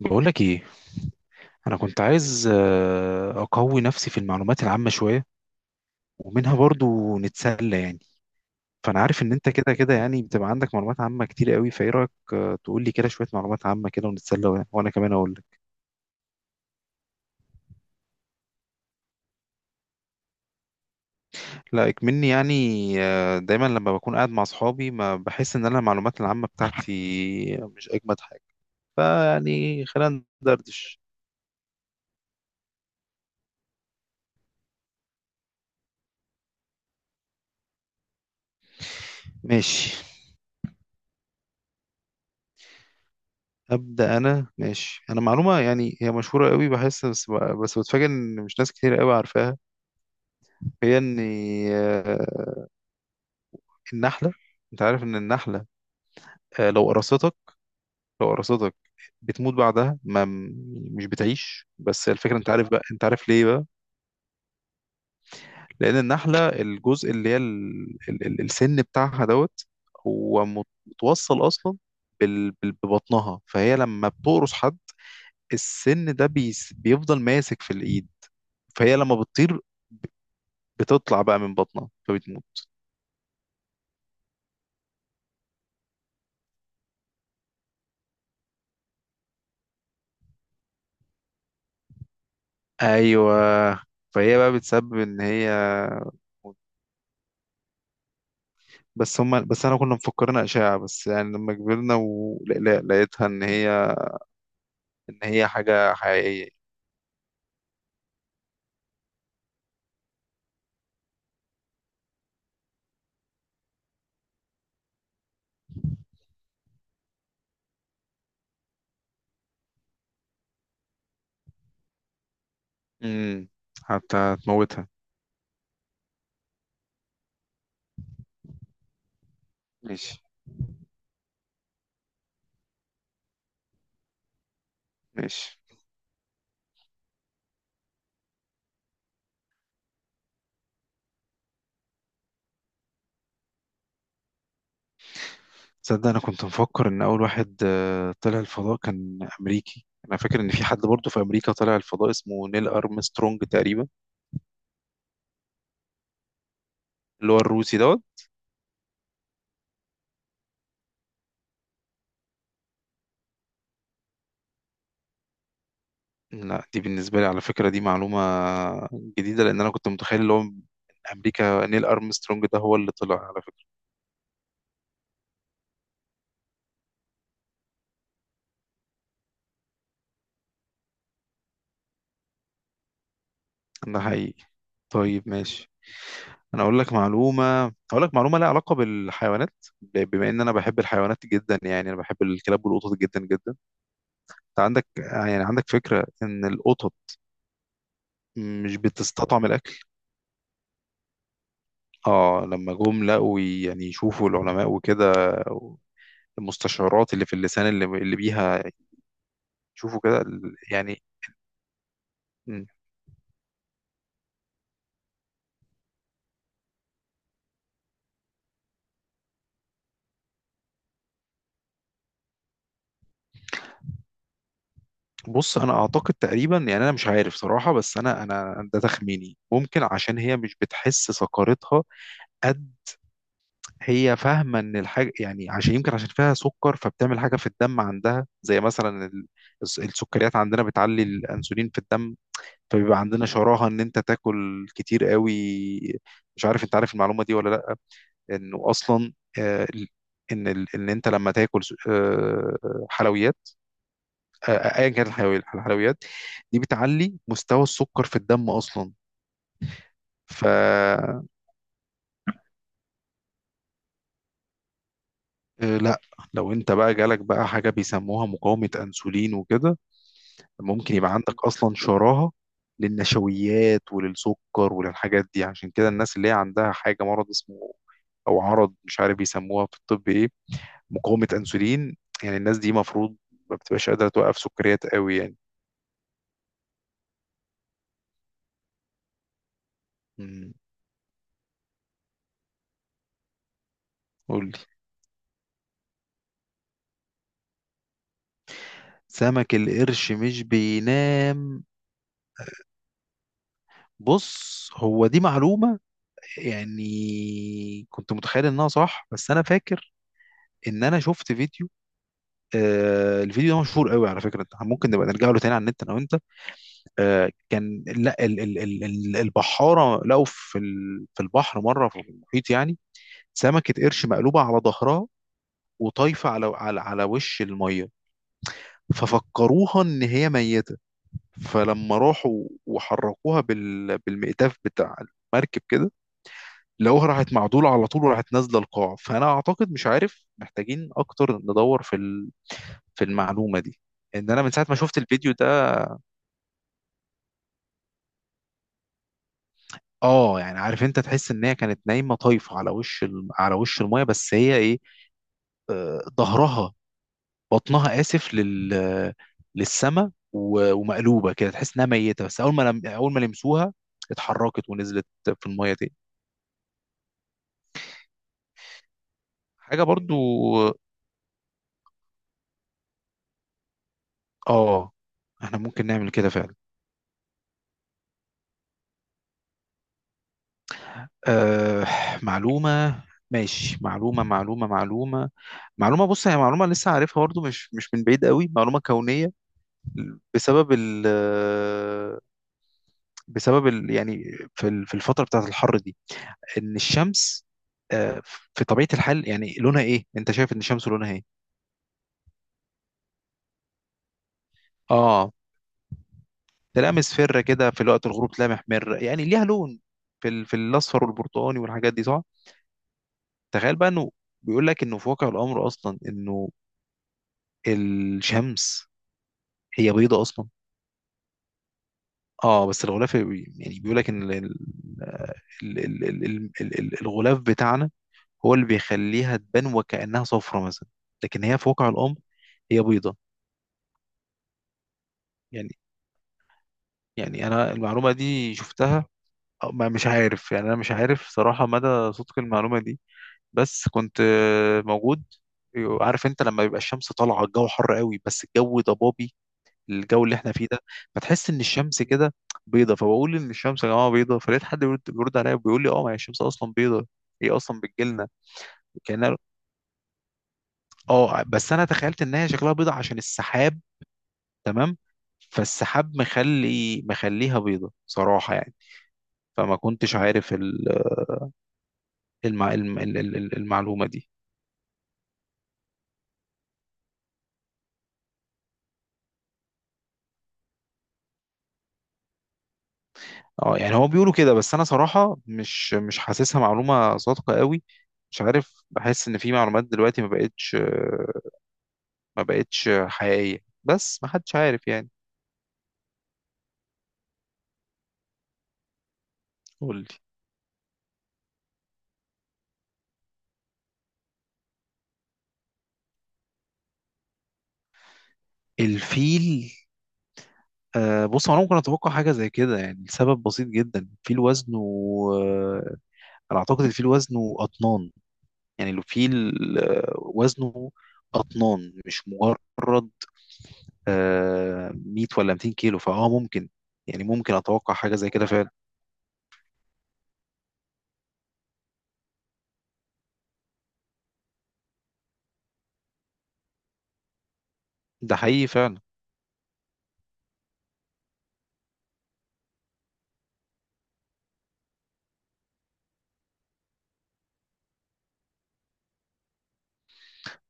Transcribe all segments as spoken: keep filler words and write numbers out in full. بقولك ايه؟ انا كنت عايز آه، اقوي نفسي في المعلومات العامه شويه، ومنها برضو نتسلى يعني. فانا عارف ان انت كده كده يعني بتبقى عندك معلومات عامه كتير قوي، فايه رايك آه، تقول لي كده شويه معلومات عامه كده ونتسلى و- وانا كمان اقول لك. لا اكمني يعني. آه، دايما لما بكون قاعد مع اصحابي ما بحس ان انا المعلومات العامه بتاعتي مش اجمد حاجه. فيعني خلينا ندردش. ماشي. أبدأ أنا. ماشي. أنا معلومة يعني، هي مشهورة قوي بحس، بس بس بتفاجئ إن مش ناس كتير قوي عارفاها. هي إن آه، النحلة، أنت عارف إن النحلة، آه، لو قرصتك، لو قرصتك بتموت بعدها ما، مش بتعيش. بس الفكرة، أنت عارف بقى، أنت عارف ليه بقى؟ لأن النحلة الجزء اللي هي ال- ال- ال- السن بتاعها دوت، هو مت- متوصل أصلا بال- بال- ببطنها. فهي لما بتقرص حد، السن ده بيس- بيفضل ماسك في الإيد، فهي لما بتطير بتطلع بقى من بطنها فبتموت. ايوه. فهي بقى بتسبب ان هي. بس هم بس انا كنا مفكرين اشاعه، بس يعني لما كبرنا ولقيتها ان هي، ان هي حاجه حقيقيه. امم. حتى هتموتها. ماشي. ماشي. تصدق انا كنت مفكر ان اول واحد آه، طلع الفضاء كان امريكي، انا فاكر ان في حد برضه في امريكا طلع الفضاء اسمه نيل ارمسترونج تقريبا. اللي هو الروسي دوت. لا، دي بالنسبة لي على فكرة دي معلومة جديدة، لأن أنا كنت متخيل اللي هو من أمريكا نيل أرمسترونج ده هو اللي طلع على فكرة. ده حقيقي. طيب ماشي. أنا أقول لك معلومة. أقول لك معلومة لها علاقة بالحيوانات، ب- بما إن أنا بحب الحيوانات جدا، يعني أنا بحب الكلاب والقطط جدا جدا. أنت عندك يعني عندك فكرة إن القطط مش بتستطعم الأكل؟ آه لما جم لقوا يعني، يشوفوا العلماء وكده، المستشعرات اللي في اللسان، اللي اللي بيها يشوفوا كده ال- يعني. بص انا اعتقد تقريبا، يعني انا مش عارف صراحه، بس انا انا ده تخميني، ممكن عشان هي مش بتحس سكرتها قد. هي فاهمه ان الحاجه يعني، عشان يمكن عشان فيها سكر فبتعمل حاجه في الدم عندها زي مثلا ال- الس- السكريات عندنا بتعلي الانسولين في الدم، فبيبقى عندنا شراهه ان انت تاكل كتير قوي. مش عارف انت عارف المعلومه دي ولا لا؟ انه اصلا آه، ال- ان ال- ان انت لما تاكل س- آه، حلويات، آه، ايا كانت الحيوي- الحلويات دي بتعلي مستوى السكر في الدم اصلا. ف آه، لا، لو انت بقى جالك بقى حاجه بيسموها مقاومه انسولين وكده، ممكن يبقى عندك اصلا شراهه للنشويات وللسكر وللحاجات دي. عشان كده الناس اللي هي عندها حاجه، مرض اسمه، او عرض مش عارف بيسموها في الطب ايه، مقاومه انسولين، يعني الناس دي مفروض ما بتبقاش قادره توقف سكريات قوي يعني. مم. قولي. سمك القرش مش بينام؟ بص هو دي معلومة يعني كنت متخيل انها صح، بس انا فاكر ان انا شفت فيديو، آه الفيديو ده مشهور قوي على فكرة، ممكن نبقى نرجع له تاني على النت انا وانت. آه كان، لا ال ال ال ال البحارة لقوا في ال، في البحر مرة في المحيط يعني، سمكة قرش مقلوبة على ظهرها وطايفة على على على وش المية، ففكروها ان هي ميتة. فلما راحوا وحركوها بال بالمئتاف بتاع المركب كده، لقوها راحت معدولة على طول وراحت نازلة القاع. فأنا أعتقد مش عارف محتاجين أكتر ندور في ال- في المعلومة دي، إن أنا من ساعة ما شفت الفيديو ده. آه يعني، عارف أنت تحس إن هي كانت نايمة طايفة على وش ال، على وش المية، بس هي إيه، آه، ظهرها، بطنها آسف، لل للسما، و... ومقلوبة كده تحس إنها ميتة. بس أول ما لم... أول ما لمسوها اتحركت ونزلت في المية تاني. حاجة برضو آه، إحنا ممكن نعمل كده فعلا. أه معلومة. ماشي معلومة معلومة معلومة معلومة بص هي معلومة لسه عارفها برضه، مش مش من بعيد قوي. معلومة كونية بسبب ال، بسبب ال يعني في ال- في الفترة بتاعة الحر دي، إن الشمس آه، في طبيعة الحال يعني لونها إيه؟ أنت شايف إن الشمس لونها إيه؟ آه تلاقيها مصفرة كده، في وقت الغروب تلاقيها محمرة، يعني ليها لون في ال، في الأصفر والبرتقاني والحاجات دي صح؟ تخيل بقى إنه بيقول لك إنه في واقع الأمر أصلا إنه الشمس هي بيضة أصلا. اه بس الغلاف بي- يعني بيقول لك ان ال- ال- ال- ال- ال- ال- ال- الغلاف بتاعنا هو اللي بيخليها تبان وكأنها صفرة مثلا، لكن هي في واقع الأمر هي بيضة. يعني يعني أنا المعلومة دي شفتها، أو ما- مش عارف يعني، أنا مش عارف صراحة مدى صدق المعلومة دي. بس كنت آه، موجود. عارف انت لما بيبقى الشمس طالعة، الجو حر قوي بس الجو ضبابي، الجو اللي احنا فيه ده، فتحس ان الشمس كده بيضه. فبقول ان الشمس يا جماعه بيضه، فلقيت حد بيرد بيرد عليا وبيقول لي اه، ما هي الشمس اصلا بيضه، هي اصلا بتجيلنا كانها. اه بس انا تخيلت ان هي شكلها بيضه عشان السحاب، تمام. فالسحاب مخلي مخليها بيضه صراحه يعني. فما كنتش عارف ال- المع... الم- ال- ال- ال- المعلومه دي. اه يعني هو بيقولوا كده، بس انا صراحه مش، مش حاسسها معلومه صادقه قوي. مش عارف، بحس ان في معلومات دلوقتي ما بقتش، ما بقتش حقيقية، بس ما حدش عارف يعني. قول لي. الفيل؟ آه بص انا ممكن اتوقع حاجه زي كده، يعني السبب بسيط جدا، الفيل وزنه آه انا اعتقد الفيل وزنه اطنان. يعني الفيل آه وزنه اطنان، مش مجرد آه مئة ولا مئتين كيلو، فاه ممكن. يعني ممكن اتوقع حاجه زي كده فعلا. ده حقيقي فعلا.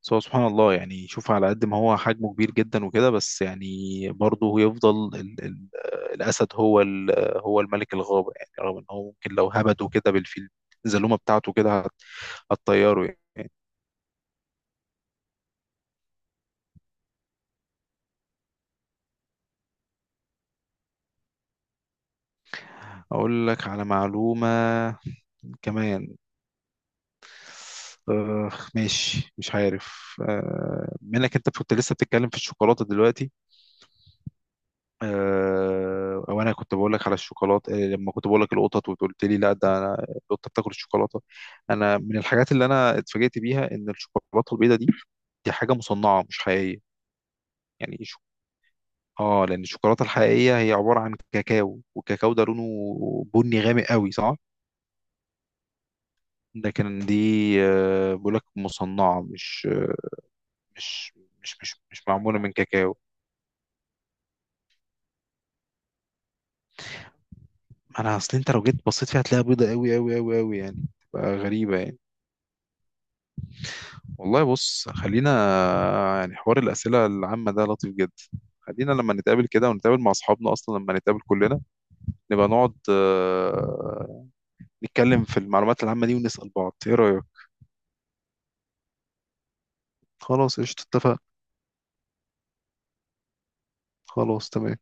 بس هو سبحان الله يعني، شوف على قد ما هو حجمه كبير جدا وكده، بس يعني برضه يفضل ال ال الأسد هو ال هو الملك الغابة. يعني رغم إن هو ممكن لو هبده كده بالفيل، الزلومة بتاعته كده هت- هتطيره يعني. أقول لك على معلومة كمان. آه ماشي، مش عارف آه منك، أنت كنت لسه بتتكلم في الشوكولاتة دلوقتي آه، وانا كنت بقول لك على الشوكولاته. آه، لما كنت بقول لك القطط وقلت لي لا، ده أنا القطه بتاكل الشوكولاته. انا من الحاجات اللي انا اتفاجئت بيها ان الشوكولاته البيضاء دي، دي حاجه مصنعه مش حقيقيه. يعني شو... اه لان الشوكولاته الحقيقيه هي عباره عن كاكاو، والكاكاو ده لونه بني غامق قوي صح؟ لكن دي آه، بقول لك مصنعه، مش مش مش مش مش معموله من كاكاو. انا اصل انت لو جيت بصيت فيها هتلاقيها بيضاء قوي قوي قوي قوي يعني، تبقى غريبه يعني. والله بص خلينا، يعني حوار الأسئلة العامة ده لطيف جدا. خلينا لما نتقابل كده ونتقابل مع أصحابنا، أصلا لما نتقابل كلنا نبقى نقعد آه، نتكلم في المعلومات العامة دي ونسأل بعض، إيه رأيك؟ خلاص قشطة اتفقنا. خلاص تمام.